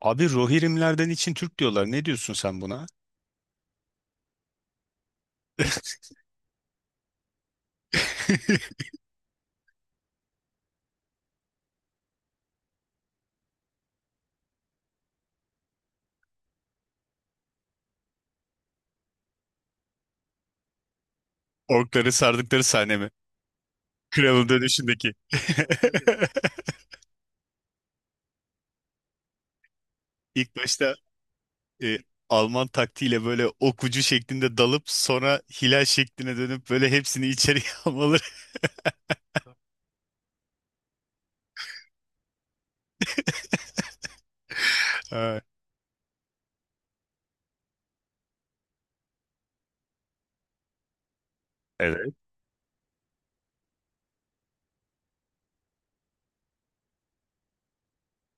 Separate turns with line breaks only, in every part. Abi Rohirrimlerden için Türk diyorlar. Ne diyorsun sen buna? Orkları sardıkları sahne mi? Kralın dönüşündeki. İlk başta e, Alman taktiğiyle böyle ok ucu şeklinde dalıp sonra hilal şekline dönüp böyle hepsini içeriye almaları. Ha, evet.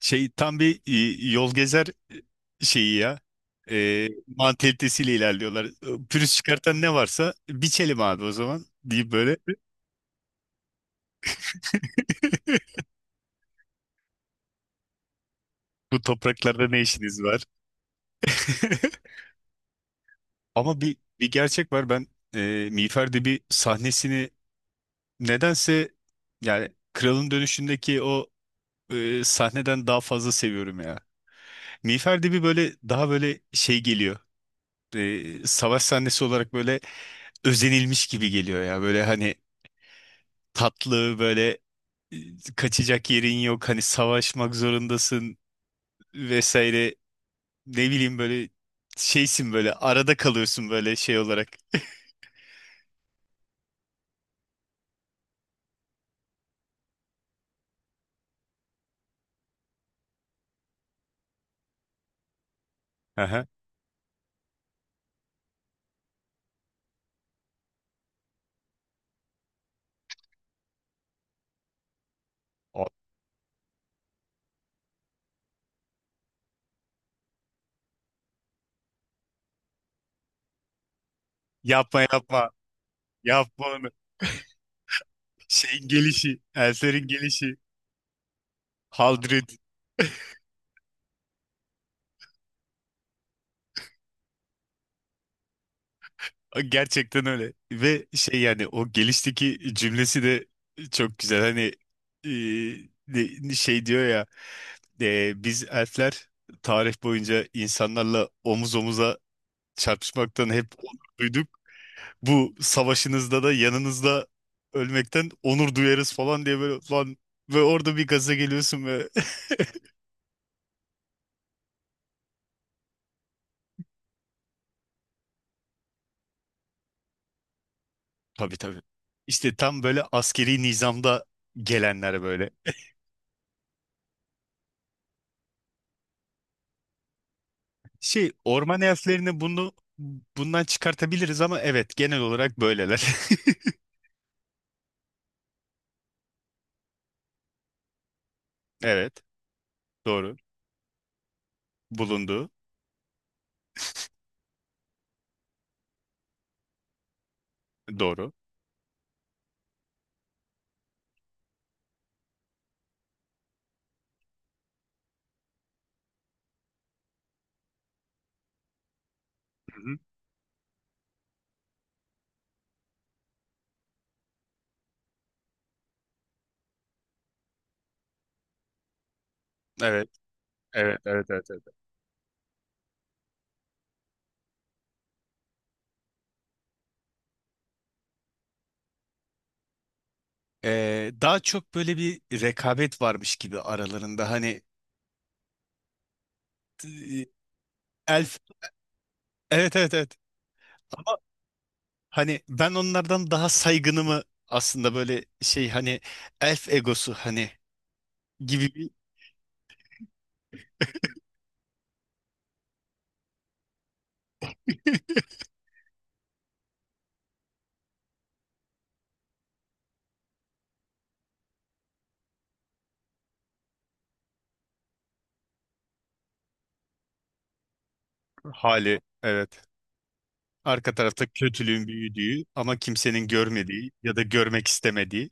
Şey tam bir yol gezer şeyi ya. Mantalitesiyle ilerliyorlar. Pürüz çıkartan ne varsa biçelim abi o zaman deyip böyle bu topraklarda ne işiniz var? Ama bir gerçek var. Ben Miğfer Dibi sahnesini nedense yani Kralın Dönüşü'ndeki o sahneden daha fazla seviyorum ya. Miğfer Dibi böyle daha böyle şey geliyor. Savaş sahnesi olarak böyle özenilmiş gibi geliyor ya. Böyle hani tatlı böyle kaçacak yerin yok. Hani savaşmak zorundasın vesaire. Ne bileyim böyle şeysin böyle arada kalıyorsun böyle şey olarak. Aha. O- Yapma yapma. Yapma onu. Şeyin gelişi, Elser'in gelişi, Haldred gerçekten öyle. Ve şey yani o gelişteki cümlesi de çok güzel. Hani e, şey diyor ya biz elfler tarih boyunca insanlarla omuz omuza çarpışmaktan hep onur duyduk. Bu savaşınızda da yanınızda ölmekten onur duyarız falan diye böyle falan ve orada bir gaza geliyorsun. Tabii, tabii. İşte tam böyle askeri nizamda gelenler böyle. Şey orman elflerini bunu bundan çıkartabiliriz ama evet genel olarak böyleler. Evet, doğru. Bulundu. Doğru. Hı hı. Evet. Evet, evet, evet, evet. Daha çok böyle bir rekabet varmış gibi aralarında hani e, elf, evet, evet, evet, ama hani ben onlardan daha saygınımı aslında böyle şey hani elf egosu hani gibi bir hali, evet. Arka tarafta kötülüğün büyüdüğü ama kimsenin görmediği ya da görmek istemediği.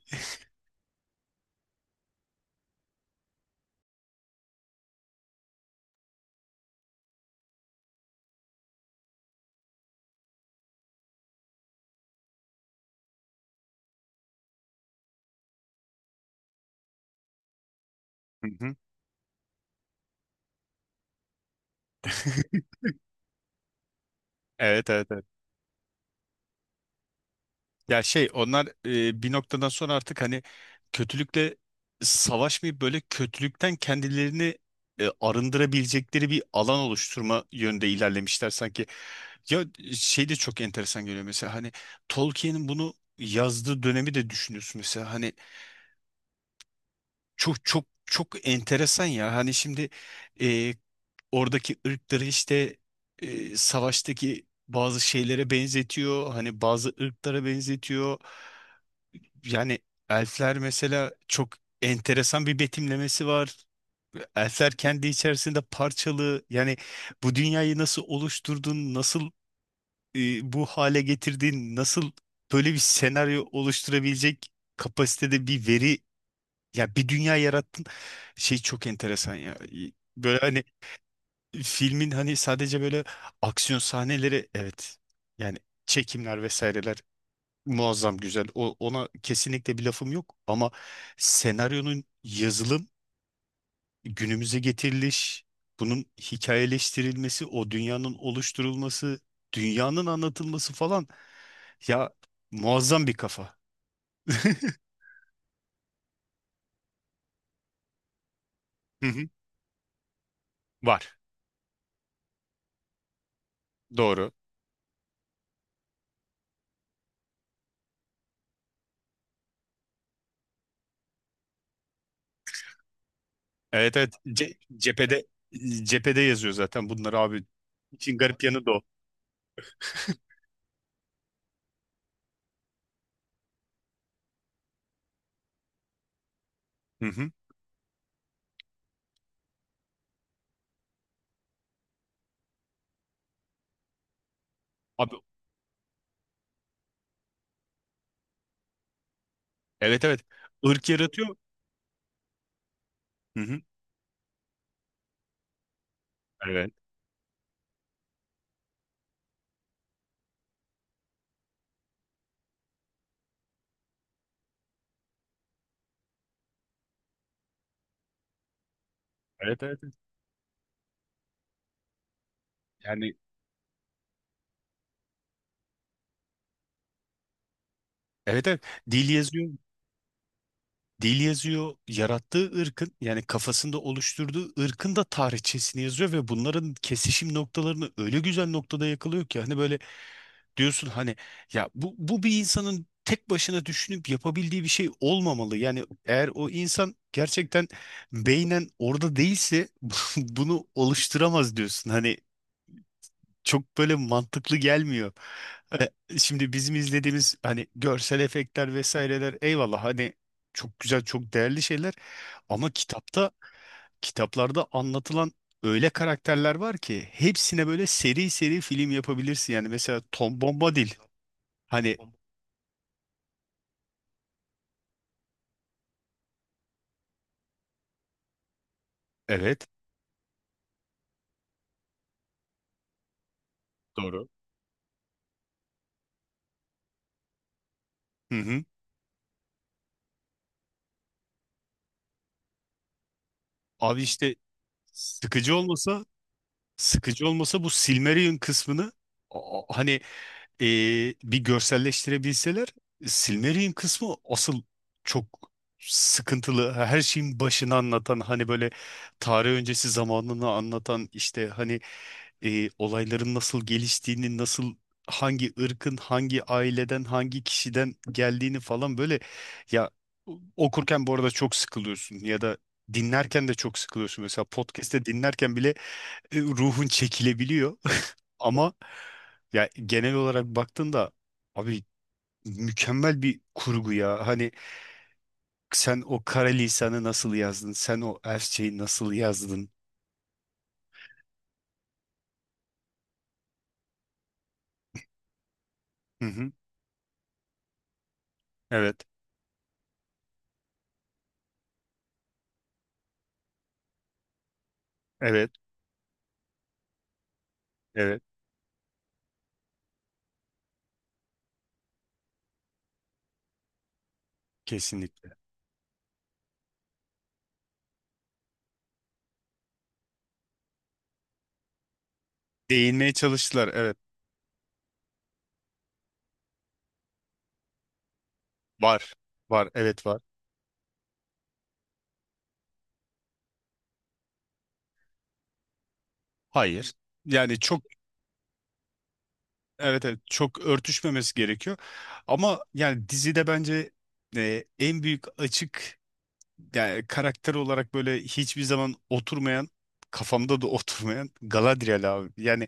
Hı hı. Evet, evet. Evet. Ya şey onlar bir noktadan sonra artık hani kötülükle savaşmayıp böyle kötülükten kendilerini arındırabilecekleri bir alan oluşturma yönde ilerlemişler sanki. Ya şey de çok enteresan geliyor mesela hani Tolkien'in bunu yazdığı dönemi de düşünüyorsun mesela hani çok çok çok enteresan ya hani şimdi e, oradaki ırkları işte savaştaki bazı şeylere benzetiyor hani bazı ırklara benzetiyor. Yani elfler mesela çok enteresan bir betimlemesi var. Elfler kendi içerisinde parçalı. Yani bu dünyayı nasıl oluşturdun, nasıl bu hale getirdin, nasıl böyle bir senaryo oluşturabilecek kapasitede bir veri, ya bir dünya yarattın. Şey çok enteresan ya. Böyle hani filmin hani sadece böyle aksiyon sahneleri evet. Yani çekimler vesaireler muazzam güzel. Ona kesinlikle bir lafım yok ama senaryonun yazılım, günümüze getiriliş, bunun hikayeleştirilmesi, o dünyanın oluşturulması, dünyanın anlatılması falan ya muazzam bir kafa. Hı hı, var. Doğru. Evet, evet. Cephede yazıyor zaten bunları abi. İçin garip yanı da o. Hı hı. Abi, evet, evet. Irk yaratıyor. Hı hı. Evet. Evet, evet. Evet. Yani evet, evet. Dil yazıyor. Dil yazıyor, yarattığı ırkın yani kafasında oluşturduğu ırkın da tarihçesini yazıyor ve bunların kesişim noktalarını öyle güzel noktada yakalıyor ki hani böyle diyorsun hani ya bu bir insanın tek başına düşünüp yapabildiği bir şey olmamalı. Yani eğer o insan gerçekten beynen orada değilse bunu oluşturamaz diyorsun. Hani çok böyle mantıklı gelmiyor. Şimdi bizim izlediğimiz hani görsel efektler vesaireler eyvallah hani çok güzel çok değerli şeyler ama kitaplarda anlatılan öyle karakterler var ki hepsine böyle seri seri film yapabilirsin yani mesela Tom Bombadil hani evet, doğru, hı hı. Abi işte sıkıcı olmasa sıkıcı olmasa bu Silmarillion kısmını hani e, bir görselleştirebilseler. Silmarillion kısmı asıl çok sıkıntılı. Her şeyin başını anlatan hani böyle tarih öncesi zamanını anlatan işte hani olayların nasıl geliştiğini nasıl hangi ırkın hangi aileden hangi kişiden geldiğini falan böyle ya okurken bu arada çok sıkılıyorsun ya da dinlerken de çok sıkılıyorsun. Mesela podcast'te dinlerken bile ruhun çekilebiliyor. Ama ya genel olarak baktığında abi mükemmel bir kurgu ya. Hani sen o kara lisanı nasıl yazdın? Sen o Elfçeyi nasıl yazdın? Hı hı. Evet. Evet. Evet. Kesinlikle. Değinmeye çalıştılar. Evet. Var. Var. Evet, var. Hayır. Yani çok, evet, evet, çok örtüşmemesi gerekiyor. Ama yani dizide bence en büyük açık yani karakter olarak böyle hiçbir zaman oturmayan, kafamda da oturmayan Galadriel abi. Yani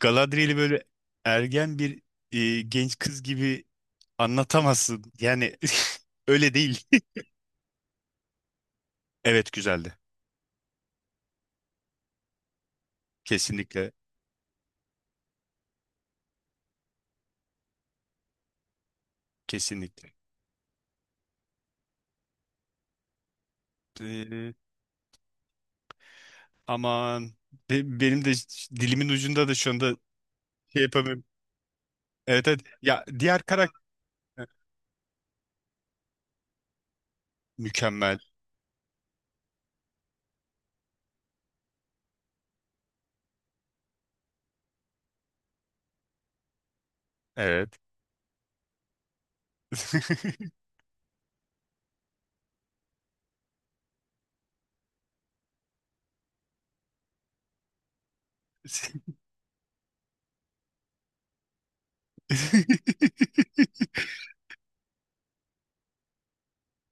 Galadriel'i böyle ergen bir genç kız gibi anlatamazsın. Yani öyle değil. Evet, güzeldi. Kesinlikle, kesinlikle. Ee, aman benim de dilimin ucunda da şu anda şey yapamıyorum. Evet, evet. Ya diğer karakter mükemmel. Evet.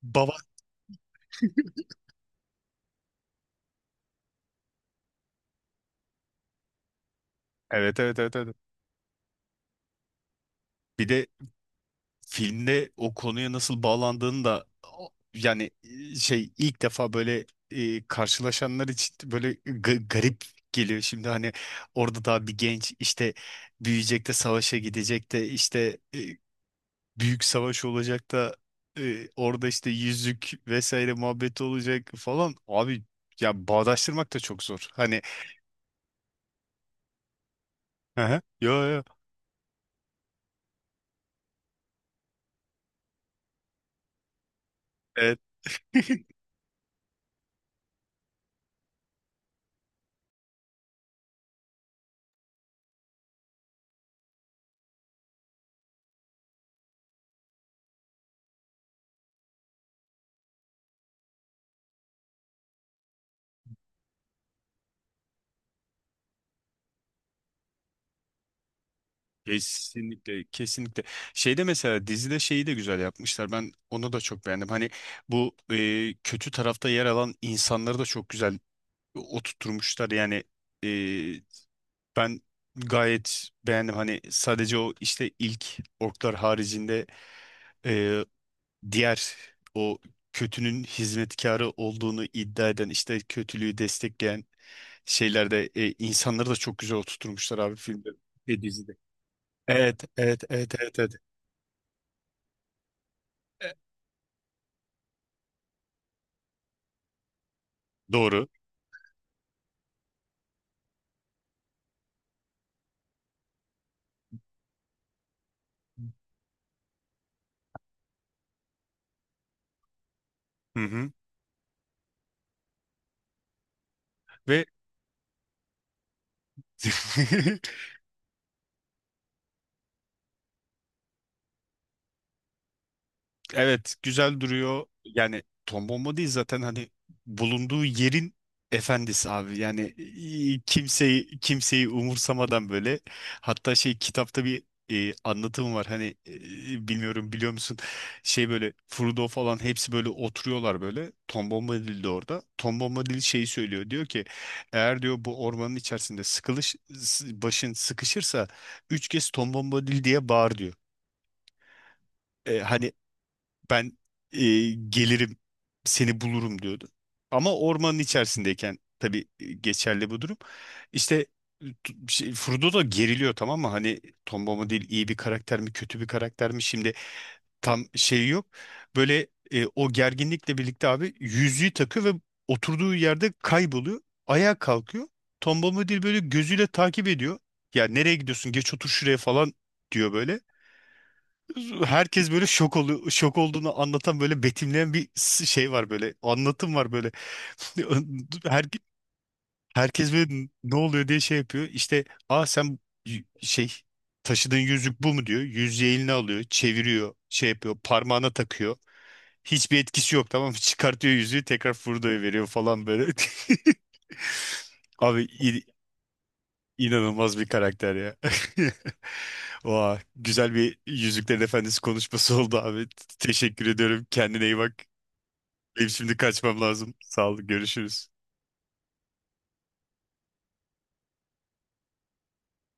Baba. Evet, evet, evet, evet. Bir de filmde o konuya nasıl bağlandığını da yani şey ilk defa böyle karşılaşanlar için böyle garip geliyor. Şimdi hani orada daha bir genç işte büyüyecek de savaşa gidecek de işte büyük savaş olacak da orada işte yüzük vesaire muhabbeti olacak falan. Abi ya bağdaştırmak da çok zor. Hani. Hı hı. Yo, yo. Kesinlikle, kesinlikle. Şeyde mesela dizide şeyi de güzel yapmışlar. Ben onu da çok beğendim. Hani bu kötü tarafta yer alan insanları da çok güzel oturtmuşlar. Yani e, ben gayet beğendim. Hani sadece o işte ilk orklar haricinde e, diğer o kötünün hizmetkarı olduğunu iddia eden işte kötülüğü destekleyen şeylerde insanları da çok güzel oturtmuşlar abi filmde ve dizide. Evet, evet, evet, evet, evet. E, Doğru. Hı hı. Ve evet, güzel duruyor. Yani Tom Bomba değil zaten hani bulunduğu yerin efendisi abi. Yani kimseyi kimseyi umursamadan böyle. Hatta şey kitapta bir anlatım var. Hani bilmiyorum biliyor musun? Şey böyle Frodo falan hepsi böyle oturuyorlar böyle. Tom Bombadil de orada. Tom Bombadil şeyi söylüyor. Diyor ki eğer diyor bu ormanın içerisinde başın sıkışırsa üç kez Tom Bombadil diye bağır diyor. Hani ben e, gelirim seni bulurum diyordu. Ama ormanın içerisindeyken tabii geçerli bu durum. İşte şey, Frodo da geriliyor tamam mı? Hani Tom mu iyi bir karakter mi kötü bir karakter mi şimdi tam şey yok. Böyle o gerginlikle birlikte abi yüzüğü takıyor ve oturduğu yerde kayboluyor. Ayağa kalkıyor. Tom Bombadil böyle gözüyle takip ediyor. Ya nereye gidiyorsun? Geç otur şuraya falan diyor böyle herkes böyle şok oluyor. Şok olduğunu anlatan böyle betimleyen bir şey var böyle. Anlatım var böyle. Her, Herkes böyle ne oluyor diye şey yapıyor. İşte aa sen şey taşıdığın yüzük bu mu diyor. Yüzüğü eline alıyor, çeviriyor, şey yapıyor, parmağına takıyor. Hiçbir etkisi yok tamam mı? Çıkartıyor yüzüğü tekrar fırlıyor veriyor falan böyle. Abi, İnanılmaz bir karakter ya. Vay, güzel bir Yüzüklerin Efendisi konuşması oldu abi. Teşekkür ediyorum. Kendine iyi bak. Benim şimdi kaçmam lazım. Sağ ol, görüşürüz.